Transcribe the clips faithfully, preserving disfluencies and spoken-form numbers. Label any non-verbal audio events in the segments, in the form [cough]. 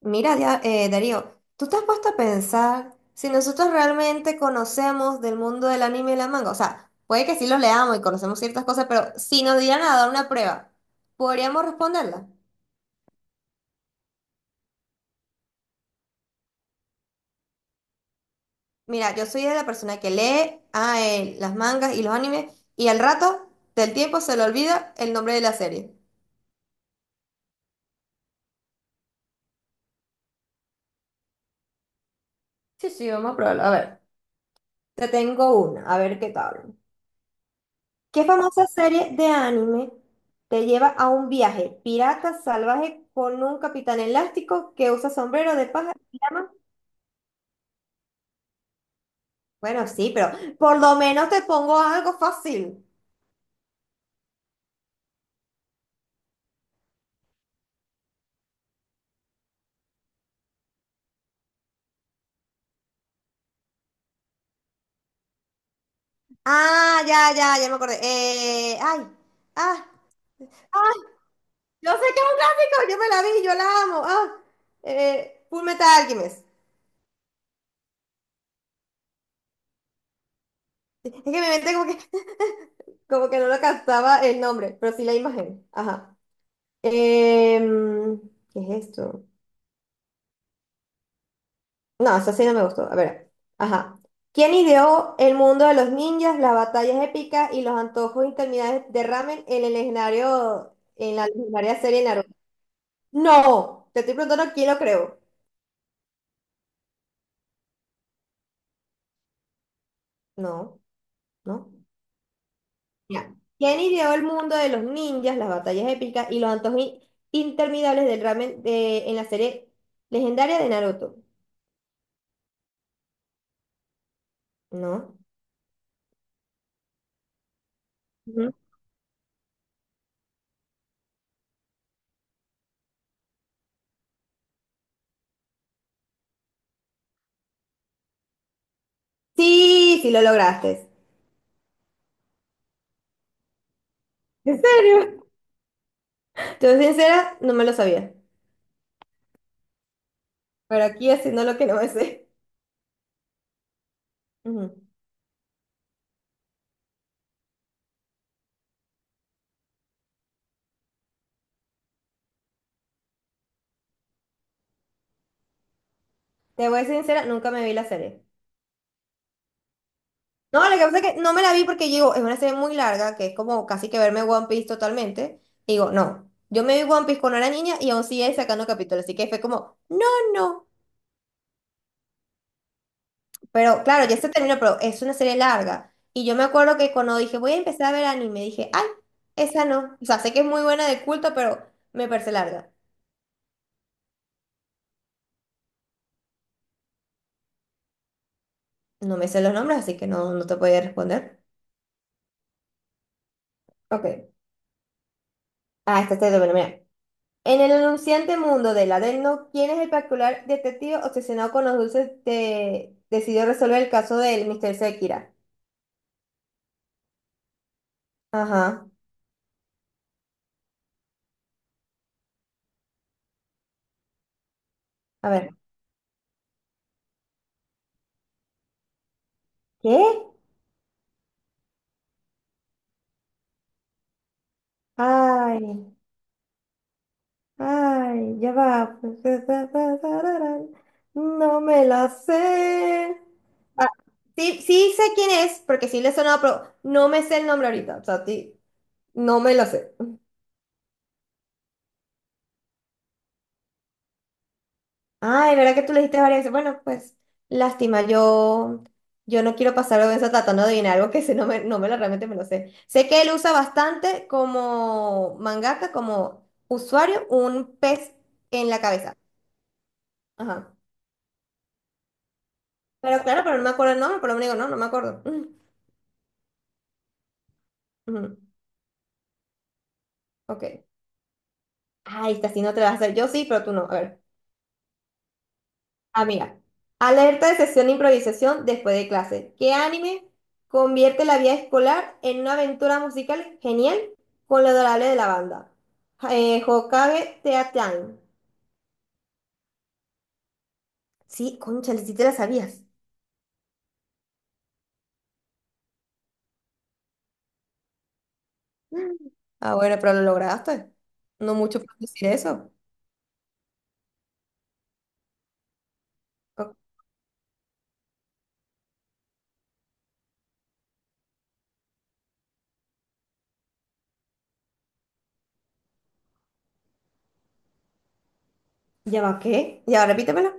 Mira, Dia- eh, Darío, ¿tú te has puesto a pensar si nosotros realmente conocemos del mundo del anime y la manga? O sea, puede que sí los leamos y conocemos ciertas cosas, pero si nos dieran a dar una prueba, ¿podríamos responderla? Mira, yo soy de la persona que lee ah, eh, las mangas y los animes y al rato del tiempo se le olvida el nombre de la serie. Sí, sí, vamos a probarlo. A ver, te tengo una, a ver qué tal. ¿Qué famosa serie de anime te lleva a un viaje pirata salvaje con un capitán elástico que usa sombrero de paja y llama? Bueno, sí, pero por lo menos te pongo algo fácil. Ah, ya, ya, ya me acordé. Eh, ay, ah, ah, yo sé que es un clásico, yo me la vi, yo la amo. Ah, eh, Full Metal Alchemist. Es que mi mente como que, como que no lo captaba el nombre, pero sí la imagen. Ajá. Em, ¿qué es esto? No, esa sí no me gustó. A ver. Ajá. ¿Quién ideó el mundo de los ninjas, las batallas épicas y los antojos interminables de ramen en el legendario, en la legendaria serie Naruto? No, te estoy preguntando quién lo creó. No, no. Mira. ¿Quién ideó el mundo de los ninjas, las batallas épicas y los antojos in- interminables del ramen de- en la serie legendaria de Naruto? No. Ujú. Sí, sí lo lograste. ¿En serio? Te soy sincera, no me lo sabía. Pero aquí haciendo lo que no me sé. Ujú. Te voy a ser sincera, nunca me vi la serie. No, lo que pasa es que no me la vi porque yo digo, es una serie muy larga, que es como casi que verme One Piece totalmente. Y digo, no, yo me vi One Piece cuando era niña y aún sigue sacando capítulos, así que fue como, no, no. Pero claro, ya se terminó, pero es una serie larga. Y yo me acuerdo que cuando dije, voy a empezar a ver anime, dije, ay, esa no. O sea, sé que es muy buena de culto, pero me parece larga. No me sé los nombres, así que no, no te podía responder. Ok. Ah, esta es de mira. En el anunciante mundo del Adelno, ¿quién es el particular detective obsesionado con los dulces de, decidió resolver el caso del mister Sekira? Ajá. A ver. ¿Qué? Ay, ay, ya va. No me la sé. Ah, sí, sí sé quién es, porque sí le he sonado, pero no me sé el nombre ahorita. O sea, sí, no me lo sé. Ay, ¿verdad que tú le dijiste varias veces? Bueno, pues, lástima, yo, yo no quiero pasar vergüenza tratando de adivinar algo que sé, no me, no me lo realmente me lo sé. Sé que él usa bastante como mangaka, como usuario, un pez en la cabeza. Ajá. Pero claro, pero no me acuerdo el nombre, por lo menos digo, no, no me acuerdo. Mm, ujú, ok. Ay, esta sí no te la vas a hacer. Yo sí, pero tú no. A ver. Amiga, alerta de sesión de improvisación después de clase. ¿Qué anime convierte la vida escolar en una aventura musical genial con lo adorable de la banda? Eh, Hokage Teatime. Sí, concha, sí te la sabías. Mm. Ah, bueno, pero lo lograste. No mucho por decir eso. Co- ¿Ya va qué? ¿Ya va, repítemelo?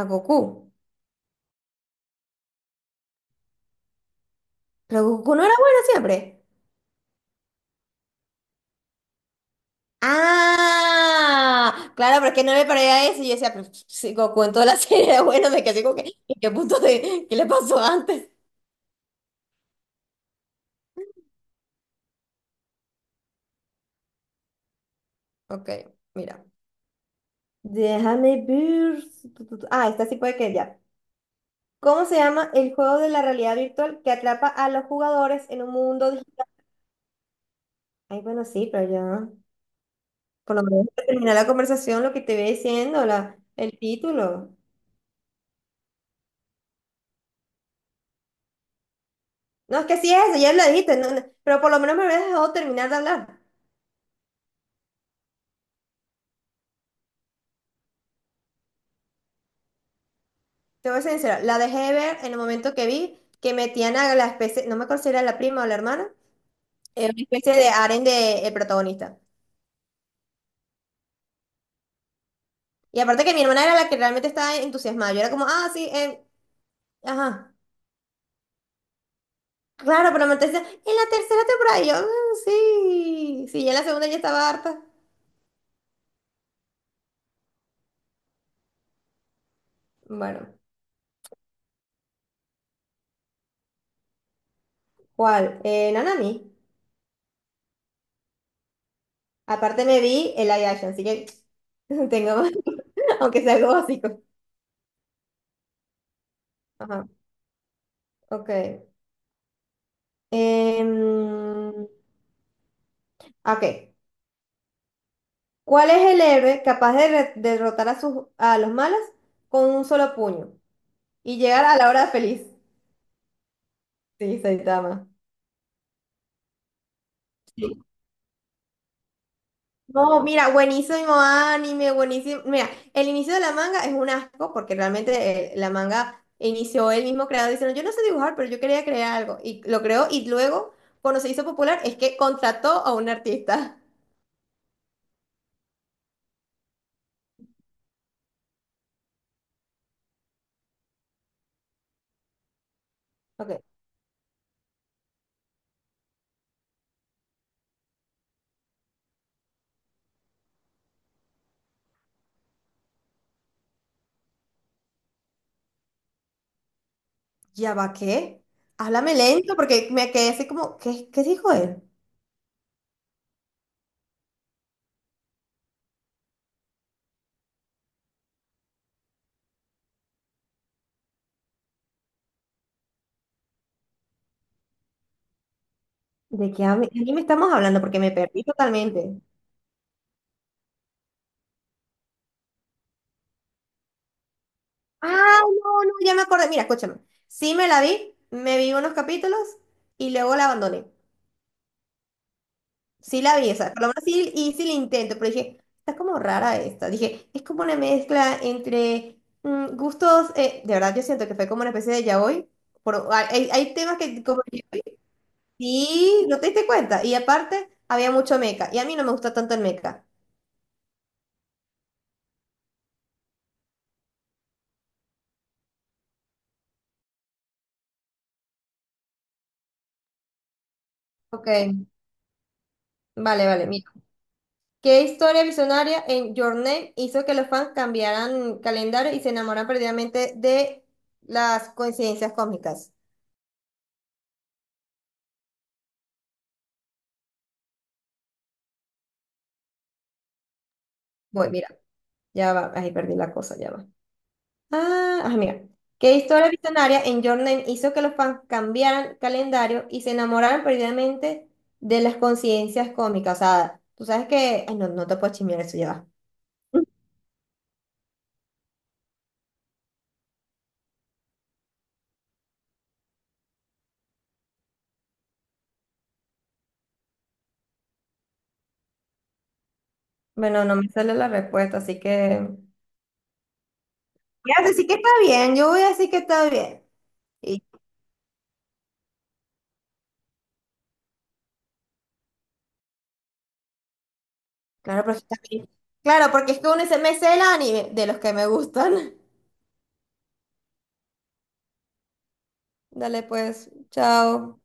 A Goku. Pero Goku no era bueno siempre. Ah, claro, porque no me parecía eso. Y yo decía, pues, sí, Goku en toda la serie, [laughs] bueno, me quedé como que, ¿en qué punto de, qué le pasó antes? Ok, mira. Déjame ver. Tu, tu, tu. Ah, esta sí puede que ya. ¿Cómo se llama el juego de la realidad virtual que atrapa a los jugadores en un mundo digital? Ay, bueno, sí, pero ya. Por lo menos para terminar la conversación, lo que te voy diciendo, la, el título. No, es que sí es, ya lo dijiste, no, no, pero por lo menos me habías dejado terminar de hablar. Te voy a ser sincera, la dejé de ver en el momento que vi que metían a la especie, no me acuerdo si era la prima o la hermana, eh, una especie de harén del protagonista. Y aparte que mi hermana era la que realmente estaba entusiasmada. Yo era como, ah, sí, eh, ajá. Claro, pero me decía, en la tercera temporada, y yo, "Mm, sí, sí, ya en la segunda ya estaba harta." Bueno, ¿cuál? Eh, Nanami. Aparte me vi el live action, así que [laughs] tengo, [laughs] aunque sea algo básico. Ajá, ok. Em, ok. ¿Cuál es el héroe capaz de re- derrotar a, sus, a los malos con un solo puño y llegar a la hora feliz? Sí, Saitama. No, mira, buenísimo anime, buenísimo. Mira, el inicio de la manga es un asco porque realmente eh, la manga inició el mismo creador diciendo, yo no sé dibujar, pero yo quería crear algo. Y lo creó y luego, cuando se hizo popular, es que contrató a un artista. Ok. ¿Ya va qué? Háblame lento porque me quedé así como, ¿qué, qué dijo él? ¿De qué ami- me estamos hablando? Porque me perdí totalmente. Ah, no, no, ya me acordé. Mira, escúchame. Sí me la vi, me vi unos capítulos y luego la abandoné. Sí la vi, o sea, por lo menos sí hice el intento, pero dije, está como rara esta. Dije, es como una mezcla entre mm, gustos, eh, de verdad yo siento que fue como una especie de yaoi. Por, hay, hay temas que como yaoi, sí, no te diste cuenta. Y aparte, había mucho Meca y a mí no me gusta tanto el Meca. Ok, vale, vale, mira. ¿Qué historia visionaria en Your Name hizo que los fans cambiaran calendario y se enamoraran perdidamente de las coincidencias cósmicas? Voy, mira, ya va, ahí perdí la cosa, ya va. Ah, ah, mira. ¿Qué historia visionaria en Your Name hizo que los fans cambiaran calendario y se enamoraran perdidamente de las coincidencias cómicas? O sea, tú sabes que. Ay, no, no te puedo chismear eso, ya va. Bueno, no me sale la respuesta, así que. Voy a decir que está bien, yo voy a decir que está bien. Claro, porque también. Claro, porque es que uno dice, me sé el anime de los que me gustan. [laughs] Dale pues, chao.